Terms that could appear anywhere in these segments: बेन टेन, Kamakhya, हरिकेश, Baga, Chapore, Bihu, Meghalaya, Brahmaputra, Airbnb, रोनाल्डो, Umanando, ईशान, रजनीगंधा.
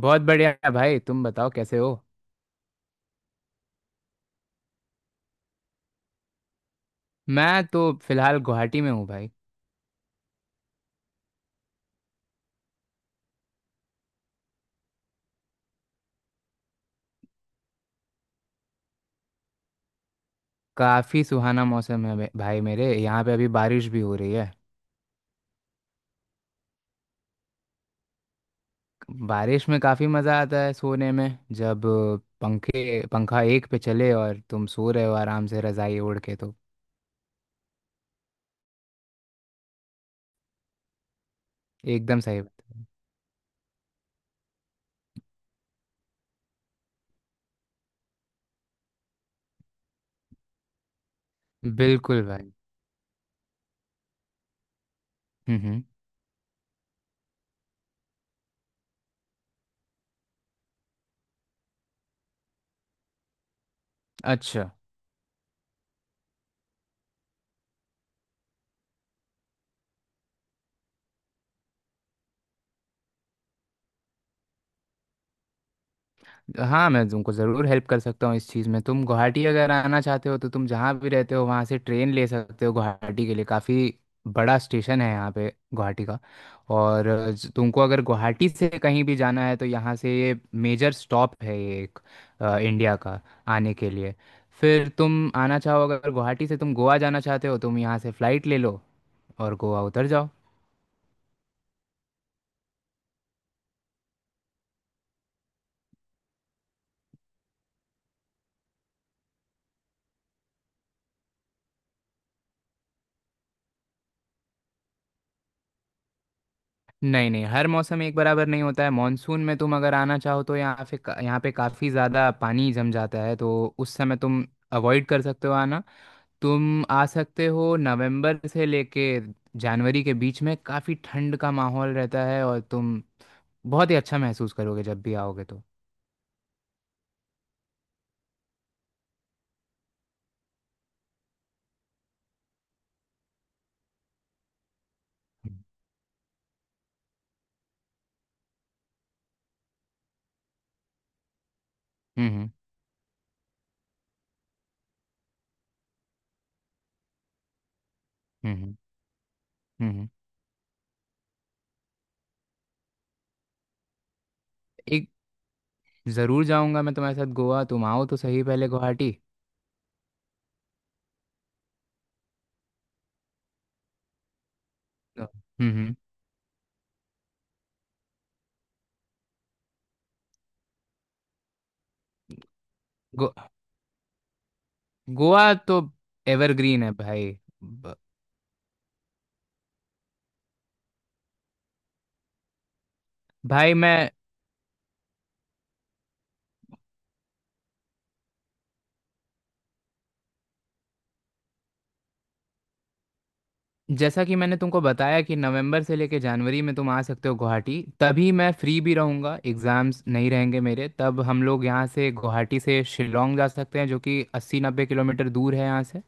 बहुत बढ़िया भाई, तुम बताओ कैसे हो। मैं तो फिलहाल गुवाहाटी में हूँ भाई। काफ़ी सुहाना मौसम है भाई, मेरे यहाँ पे अभी बारिश भी हो रही है। बारिश में काफ़ी मज़ा आता है सोने में। जब पंखे पंखा एक पे चले और तुम सो रहे हो आराम से रज़ाई ओढ़ के तो। एकदम सही बात। है बिल्कुल भाई। हम्म। अच्छा। हाँ, मैं तुमको ज़रूर हेल्प कर सकता हूँ इस चीज़ में। तुम गुवाहाटी अगर आना चाहते हो तो तुम जहाँ भी रहते हो वहाँ से ट्रेन ले सकते हो गुवाहाटी के लिए। काफ़ी बड़ा स्टेशन है यहाँ पे गुवाहाटी का। और तुमको अगर गुवाहाटी से कहीं भी जाना है तो यहाँ से ये मेजर स्टॉप है, ये एक इंडिया का आने के लिए। फिर तुम आना चाहो, अगर गुवाहाटी से तुम गोवा जाना चाहते हो तो तुम यहाँ से फ़्लाइट ले लो और गोवा उतर जाओ। नहीं नहीं, हर मौसम एक बराबर नहीं होता है। मानसून में तुम अगर आना चाहो तो यहाँ पे काफ़ी ज़्यादा पानी जम जाता है, तो उस समय तुम अवॉइड कर सकते हो आना। तुम आ सकते हो नवंबर से लेके जनवरी के बीच में। काफ़ी ठंड का माहौल रहता है और तुम बहुत ही अच्छा महसूस करोगे जब भी आओगे तो। हम्म हम्म। हम्म हम्म। एक ज़रूर जाऊंगा मैं तुम्हारे साथ गोवा। तुम आओ तो सही पहले गुवाहाटी। हम्म। गो, गोवा तो एवरग्रीन है भाई। ब- भाई मैं, जैसा कि मैंने तुमको बताया कि नवंबर से लेके जनवरी में तुम आ सकते हो गुवाहाटी। तभी मैं फ्री भी रहूँगा, एग्ज़ाम्स नहीं रहेंगे मेरे। तब हम लोग यहाँ से गुवाहाटी से शिलोंग जा सकते हैं, जो कि 80-90 किलोमीटर दूर है यहाँ से।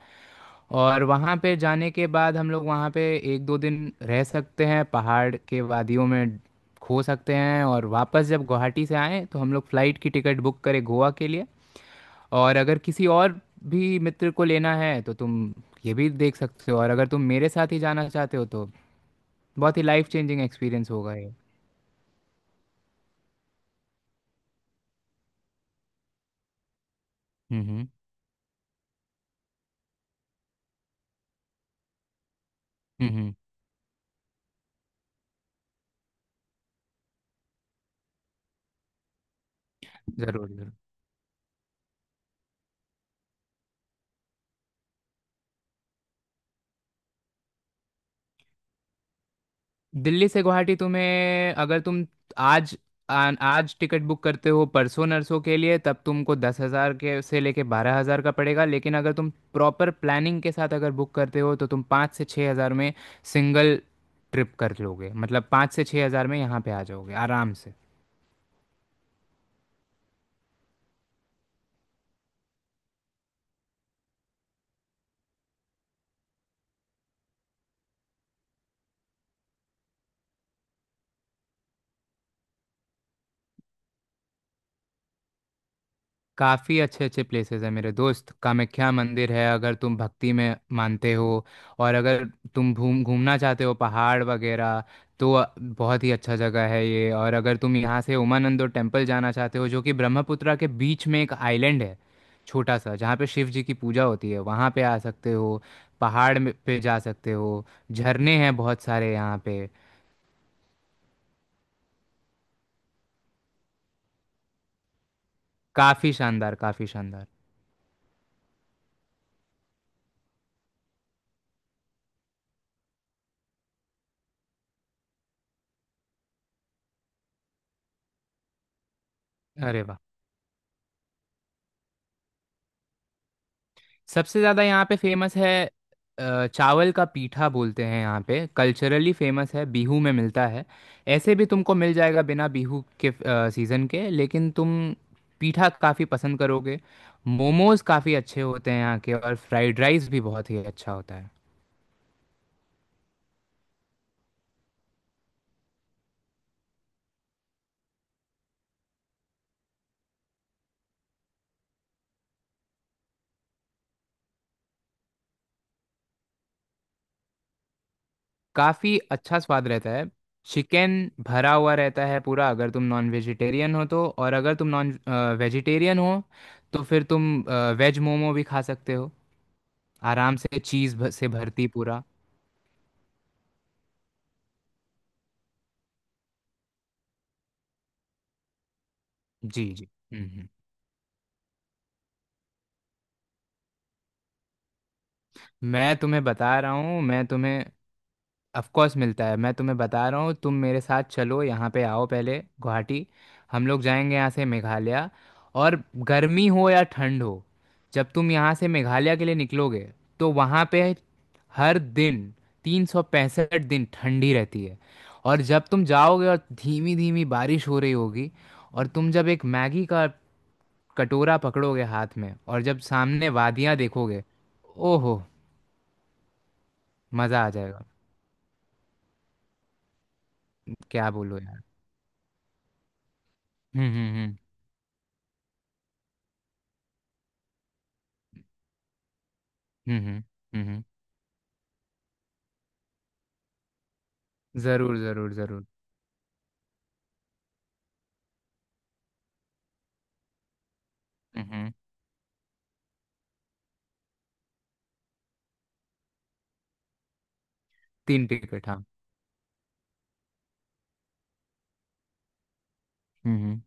और वहाँ पे जाने के बाद हम लोग वहाँ पे एक दो दिन रह सकते हैं, पहाड़ के वादियों में खो सकते हैं। और वापस जब गुवाहाटी से आएँ तो हम लोग फ़्लाइट की टिकट बुक करें गोवा के लिए। और अगर किसी और भी मित्र को लेना है तो तुम ये भी देख सकते हो। और अगर तुम मेरे साथ ही जाना चाहते हो तो बहुत ही लाइफ चेंजिंग एक्सपीरियंस होगा ये। हम्म। हम्म हम्म, जरूर जरूर। दिल्ली से गुवाहाटी तुम्हें, अगर तुम आज आज टिकट बुक करते हो परसों नरसों के लिए, तब तुमको 10,000 के से लेके 12,000 का पड़ेगा। लेकिन अगर तुम प्रॉपर प्लानिंग के साथ अगर बुक करते हो तो तुम 5,000 से 6,000 में सिंगल ट्रिप कर लोगे। मतलब 5,000 से 6,000 में यहाँ पे आ जाओगे आराम से। काफ़ी अच्छे अच्छे प्लेसेस हैं मेरे दोस्त। कामाख्या मंदिर है अगर तुम भक्ति में मानते हो। और अगर तुम घूम घूमना चाहते हो पहाड़ वगैरह तो बहुत ही अच्छा जगह है ये। और अगर तुम यहाँ से उमानंदो टेम्पल जाना चाहते हो, जो कि ब्रह्मपुत्रा के बीच में एक आइलैंड है छोटा सा, जहाँ पे शिव जी की पूजा होती है, वहाँ पे आ सकते हो। पहाड़ पे जा सकते हो। झरने हैं बहुत सारे यहाँ पे। काफ़ी शानदार, काफ़ी शानदार। अरे वाह। सबसे ज़्यादा यहाँ पे फेमस है, चावल का पीठा बोलते हैं यहाँ पे। कल्चरली फेमस है, बिहू में मिलता है। ऐसे भी तुमको मिल जाएगा बिना बिहू के सीज़न के। लेकिन तुम पीठा काफ़ी पसंद करोगे। मोमोज़ काफ़ी अच्छे होते हैं यहाँ के। और फ्राइड राइस भी बहुत ही अच्छा होता है। काफ़ी अच्छा स्वाद रहता है। चिकन भरा हुआ रहता है पूरा अगर तुम नॉन वेजिटेरियन हो, तो। और अगर तुम नॉन वेजिटेरियन हो तो फिर तुम वेज मोमो भी खा सकते हो आराम से, चीज से भरती पूरा। जी जी, मैं तुम्हें बता रहा हूँ, मैं तुम्हें। ऑफ कोर्स मिलता है। मैं तुम्हें बता रहा हूँ, तुम मेरे साथ चलो, यहाँ पे आओ पहले गुवाहाटी। हम लोग जाएंगे यहाँ से मेघालय। और गर्मी हो या ठंड हो, जब तुम यहाँ से मेघालय के लिए निकलोगे तो वहाँ पे हर दिन, 365 दिन ठंडी रहती है। और जब तुम जाओगे और धीमी धीमी बारिश हो रही होगी और तुम जब एक मैगी का कटोरा पकड़ोगे हाथ में और जब सामने वादियां देखोगे। ओहो। मजा आ जाएगा। क्या बोलो यार। हम्म। हम्म हम्म हम्म, हम्म, जरूर जरूर जरूर। हम्म हम्म, तीन टिकट हाँ। हम्म हम्म।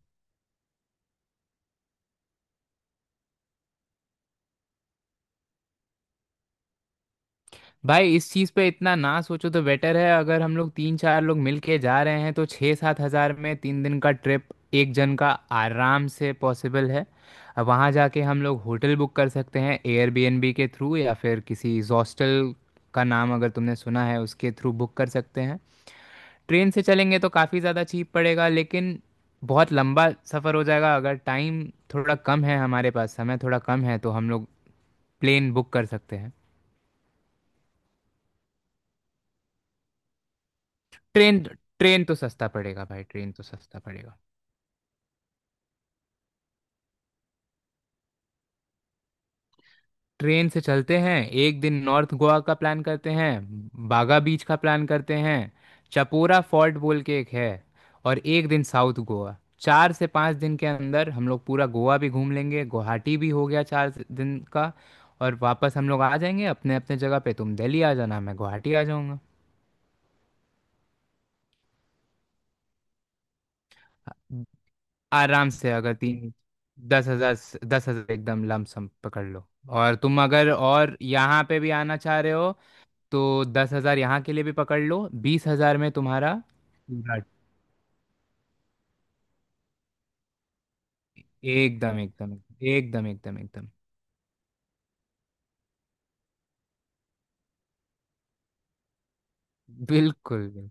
भाई, इस चीज पे इतना ना सोचो तो बेटर है। अगर हम लोग तीन चार लोग मिलके जा रहे हैं तो 6,000 से 7,000 में 3 दिन का ट्रिप, एक जन का, आराम से पॉसिबल है। अब वहाँ जाके हम लोग होटल बुक कर सकते हैं एयरबीएनबी के थ्रू, या फिर किसी हॉस्टल का नाम अगर तुमने सुना है उसके थ्रू बुक कर सकते हैं। ट्रेन से चलेंगे तो काफ़ी ज़्यादा चीप पड़ेगा, लेकिन बहुत लंबा सफ़र हो जाएगा। अगर टाइम थोड़ा कम है, हमारे पास समय थोड़ा कम है, तो हम लोग प्लेन बुक कर सकते हैं। ट्रेन ट्रेन तो सस्ता पड़ेगा भाई, ट्रेन तो सस्ता पड़ेगा। ट्रेन से चलते हैं। 1 दिन नॉर्थ गोवा का प्लान करते हैं। बागा बीच का प्लान करते हैं। चपोरा फोर्ट बोल के एक है। और 1 दिन साउथ गोवा। 4 से 5 दिन के अंदर हम लोग पूरा गोवा भी घूम लेंगे। गुवाहाटी भी हो गया 4 दिन का। और वापस हम लोग आ जाएंगे अपने अपने जगह पे। तुम दिल्ली आ जाना, मैं गुवाहाटी आ जाऊंगा। आराम से अगर तीन। 10,000। 10,000 एकदम लमसम पकड़ लो। और तुम अगर और यहाँ पे भी आना चाह रहे हो तो 10,000 यहाँ के लिए भी पकड़ लो। 20,000 में तुम्हारा पूरा- एकदम एकदम एकदम। एकदम एकदम। बिल्कुल बिल्कुल।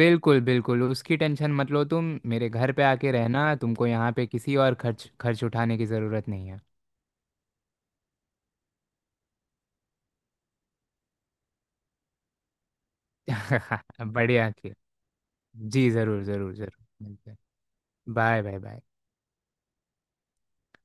बिल्कुल बिल्कुल, उसकी टेंशन मत लो। तुम मेरे घर पे आके रहना। तुमको यहाँ पे किसी और खर्च खर्च उठाने की ज़रूरत नहीं है। बढ़िया के। जी ज़रूर ज़रूर ज़रूर। मिलते हैं। Bye bye bye.